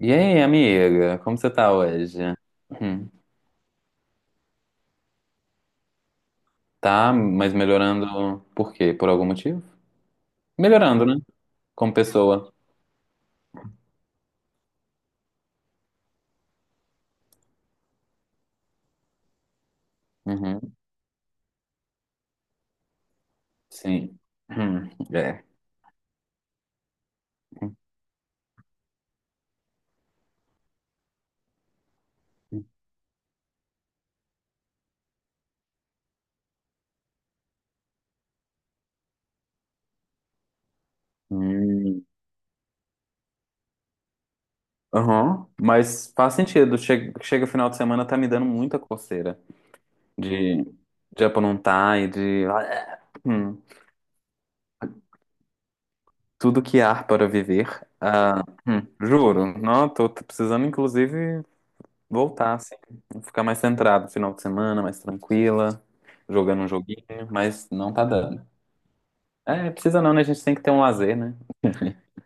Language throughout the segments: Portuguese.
E aí, amiga, como você tá hoje? Hum. Tá, mas melhorando por quê? Por algum motivo? Melhorando, né? Como pessoa. Uhum, sim. Hum. É. Hum. Aham, mas faz sentido. Chega, chega final de semana, tá me dando muita coceira de, de aprontar e de. Hum. Tudo que há para viver. Ah, juro. Não, tô precisando, inclusive. Voltar, assim, ficar mais centrado final de semana, mais tranquila, jogando um joguinho, mas não tá dando. É, precisa não, né? A gente tem que ter um lazer, né?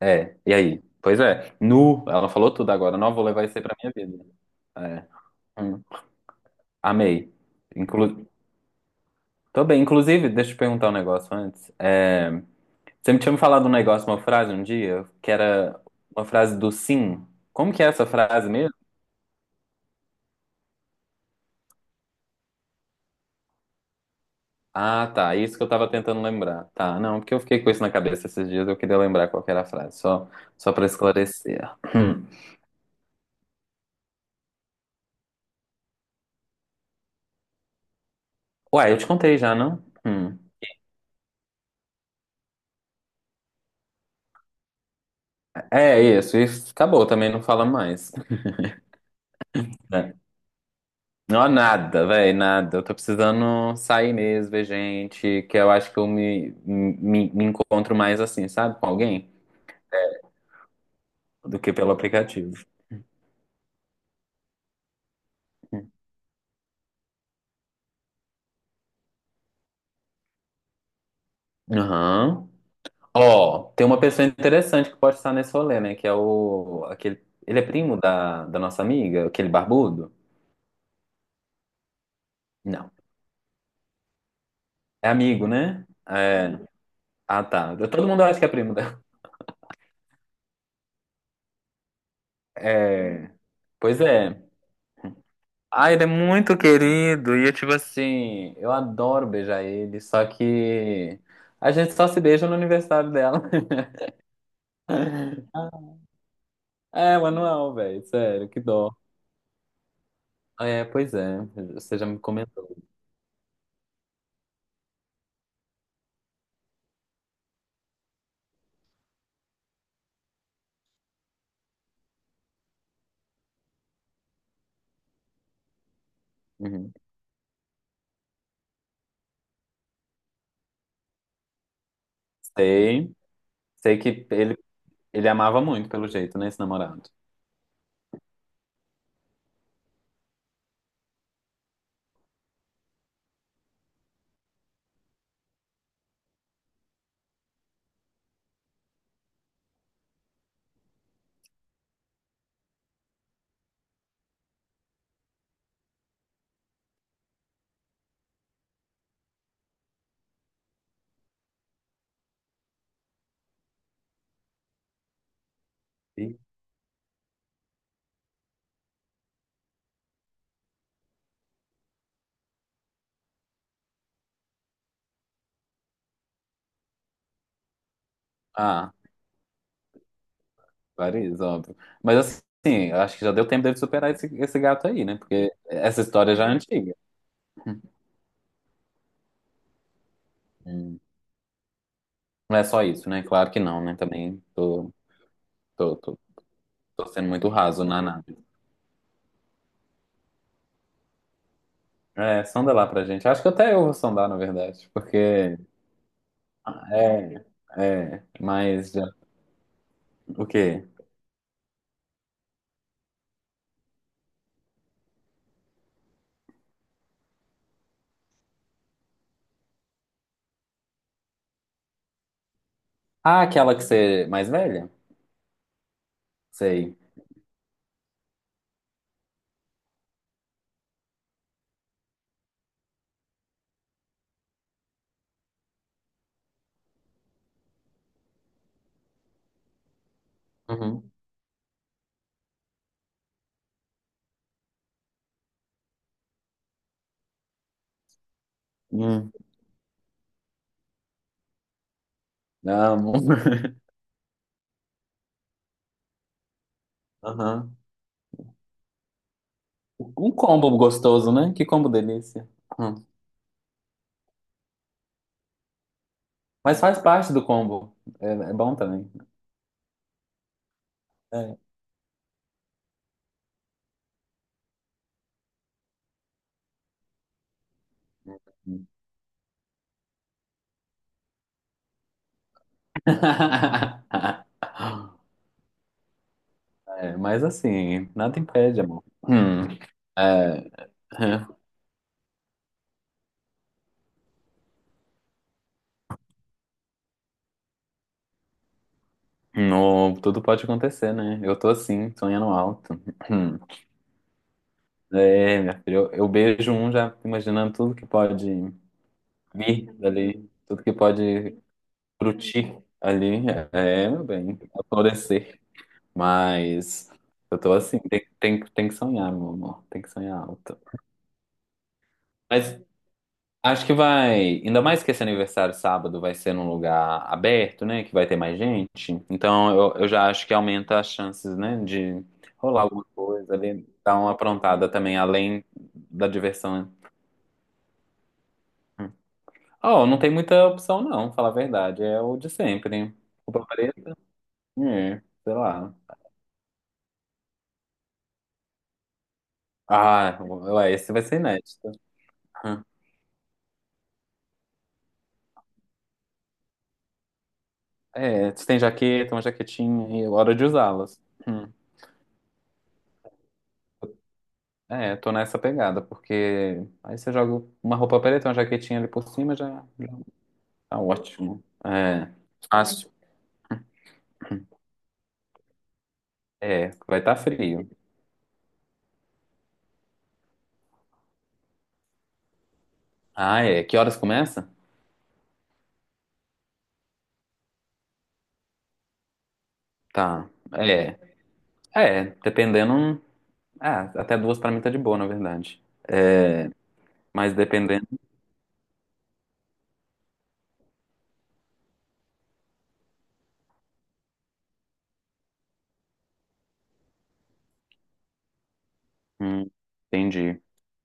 É, e aí? Pois é, nu, ela falou tudo agora, não vou levar isso aí pra minha vida. É, hum, amei. Inclu... Tô bem, inclusive, deixa eu te perguntar um negócio antes. É, você me tinha me falado um negócio, uma frase um dia, que era uma frase do sim. Como que é essa frase mesmo? Ah, tá. É isso que eu tava tentando lembrar. Tá, não, porque eu fiquei com isso na cabeça esses dias, eu queria lembrar qual que era a frase, só para esclarecer. Hum. Ué, eu te contei já, não? Hum. É isso acabou também, não fala mais. É. Não, nada, velho, nada. Eu tô precisando sair mesmo, ver gente, que eu acho que eu me encontro mais assim, sabe, com alguém, do que pelo aplicativo. Aham. Ó, tem uma pessoa interessante que pode estar nesse rolê, né? Que é o. Aquele, ele é primo da nossa amiga, aquele barbudo? Não. É amigo, né? É. Ah, tá. Todo mundo acha que é primo dela. É. Pois é. Ah, ele é muito querido. E eu, tipo assim, eu adoro beijar ele, só que a gente só se beija no aniversário dela. É, manual, velho. Sério, que dó. É, pois é. Você já me comentou. Uhum. Sei. Sei que ele. Ele amava muito, pelo jeito, né, esse namorado. E- Ah, Paris, óbvio. Mas assim, eu acho que já deu tempo dele superar esse gato aí, né? Porque essa história já é antiga. Hum. Não é só isso, né? Claro que não, né? Também tô, tô, tô sendo muito raso na análise. É, sonda lá pra gente. Acho que até eu vou sondar, na verdade, porque é, é, mas já. O quê? Ah, aquela que você é mais velha? Sei. Uhum. Hum, amo. Aham. Um combo gostoso, né? Que combo delícia. Hum. Mas faz parte do combo. É, é bom também. É. É, mas assim, nada impede, amor. É, é. No, tudo pode acontecer, né? Eu tô assim, sonhando alto. É, minha filha, eu beijo um já imaginando tudo que pode vir dali, tudo que pode frutir ali. É, meu bem, florescer. Mas eu tô assim, tem que sonhar, meu amor, tem que sonhar alto. Mas acho que vai, ainda mais que esse aniversário sábado vai ser num lugar aberto, né, que vai ter mais gente. Então eu já acho que aumenta as chances, né, de rolar alguma coisa ali, dar uma aprontada também, além da diversão. Né. Oh, não tem muita opção, não, falar a verdade. É o de sempre. Roupa preta? É, sei lá. Ah, ué, esse vai ser inédito. Hum. É, você tem jaqueta, uma jaquetinha, e hora de usá-las. Hum. É, tô nessa pegada, porque aí você joga uma roupa preta, uma jaquetinha ali por cima, já, já tá ótimo. É, fácil. É, vai estar frio. Ah, é. Que horas começa? Tá. É, é, dependendo. Ah, até 2 pra mim tá de boa, na verdade. É, mas dependendo. Hum, entendi.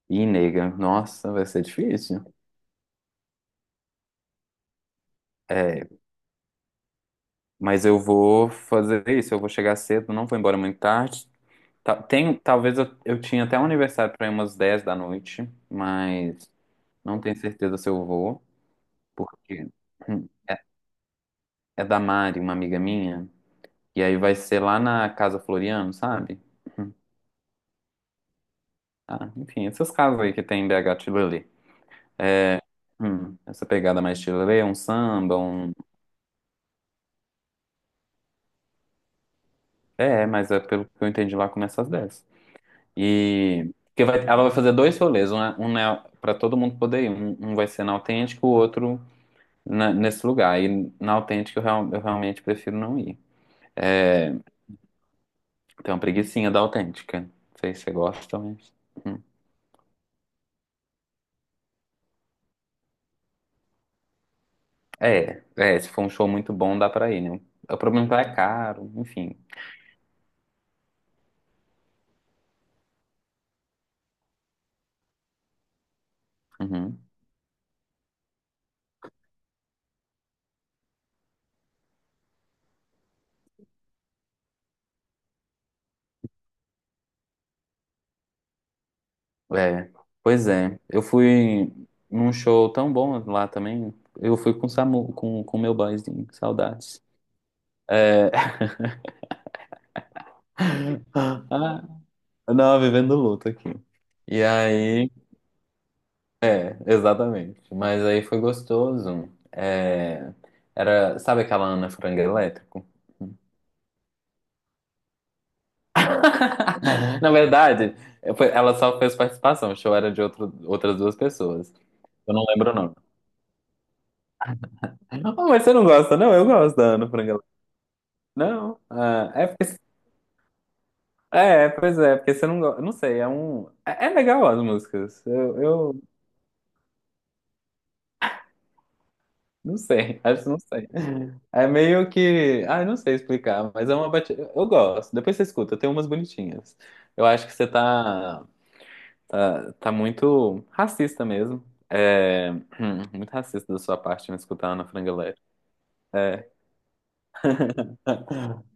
Ih, nega, nossa, vai ser difícil. É, mas eu vou fazer isso, eu vou chegar cedo, não vou embora muito tarde. Tem, talvez eu tinha até um aniversário para ir umas 10 da noite, mas não tenho certeza se eu vou, porque hum, é, é da Mari, uma amiga minha, e aí vai ser lá na Casa Floriano, sabe? Hum, Ah, enfim, essas casas aí que tem em BH Tilelê. Essa pegada mais Tilelê, um samba, um... É, mas é pelo que eu entendi lá, começa às 10. E porque ela vai fazer dois rolês, um, um é para todo mundo poder ir. Um vai ser na autêntica, o outro nesse lugar. E na autêntica eu realmente prefiro não ir. Tem uma preguicinha da autêntica. Não sei se você gosta, mas. Hum. É, é, se for um show muito bom, dá pra ir, né? O problema é que é caro, enfim. Uhum. É, pois é. Eu fui num show tão bom lá também. Eu fui com o Samu, com o meu boyzinho, saudades. É... Ah, não, vivendo luto aqui. E aí, é, exatamente. Mas aí foi gostoso. É, era, sabe aquela Ana Frango Elétrico? Na verdade, ela só fez participação. O show era de outras duas pessoas. Eu não lembro o nome. Oh, mas você não gosta, não? Eu gosto da Ana Frango Elétrico. Não? Ah, é, é, pois é, porque você não gosta. Não sei, é um. É, é legal as músicas. Não sei, acho que não sei. É meio que. Ah, eu não sei explicar, mas é uma batida. Eu gosto. Depois você escuta, tem umas bonitinhas. Eu acho que você tá. Tá muito racista mesmo. É. Muito racista da sua parte me escutar a Ana Frango Elétrico. É.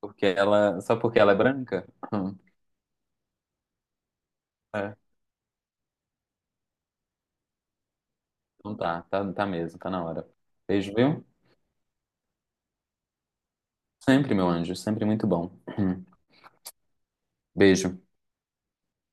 Porque ela. Só porque ela é branca? É. Então tá, tá, tá mesmo, tá na hora. Beijo, viu? Sempre, meu anjo, sempre muito bom. Beijo.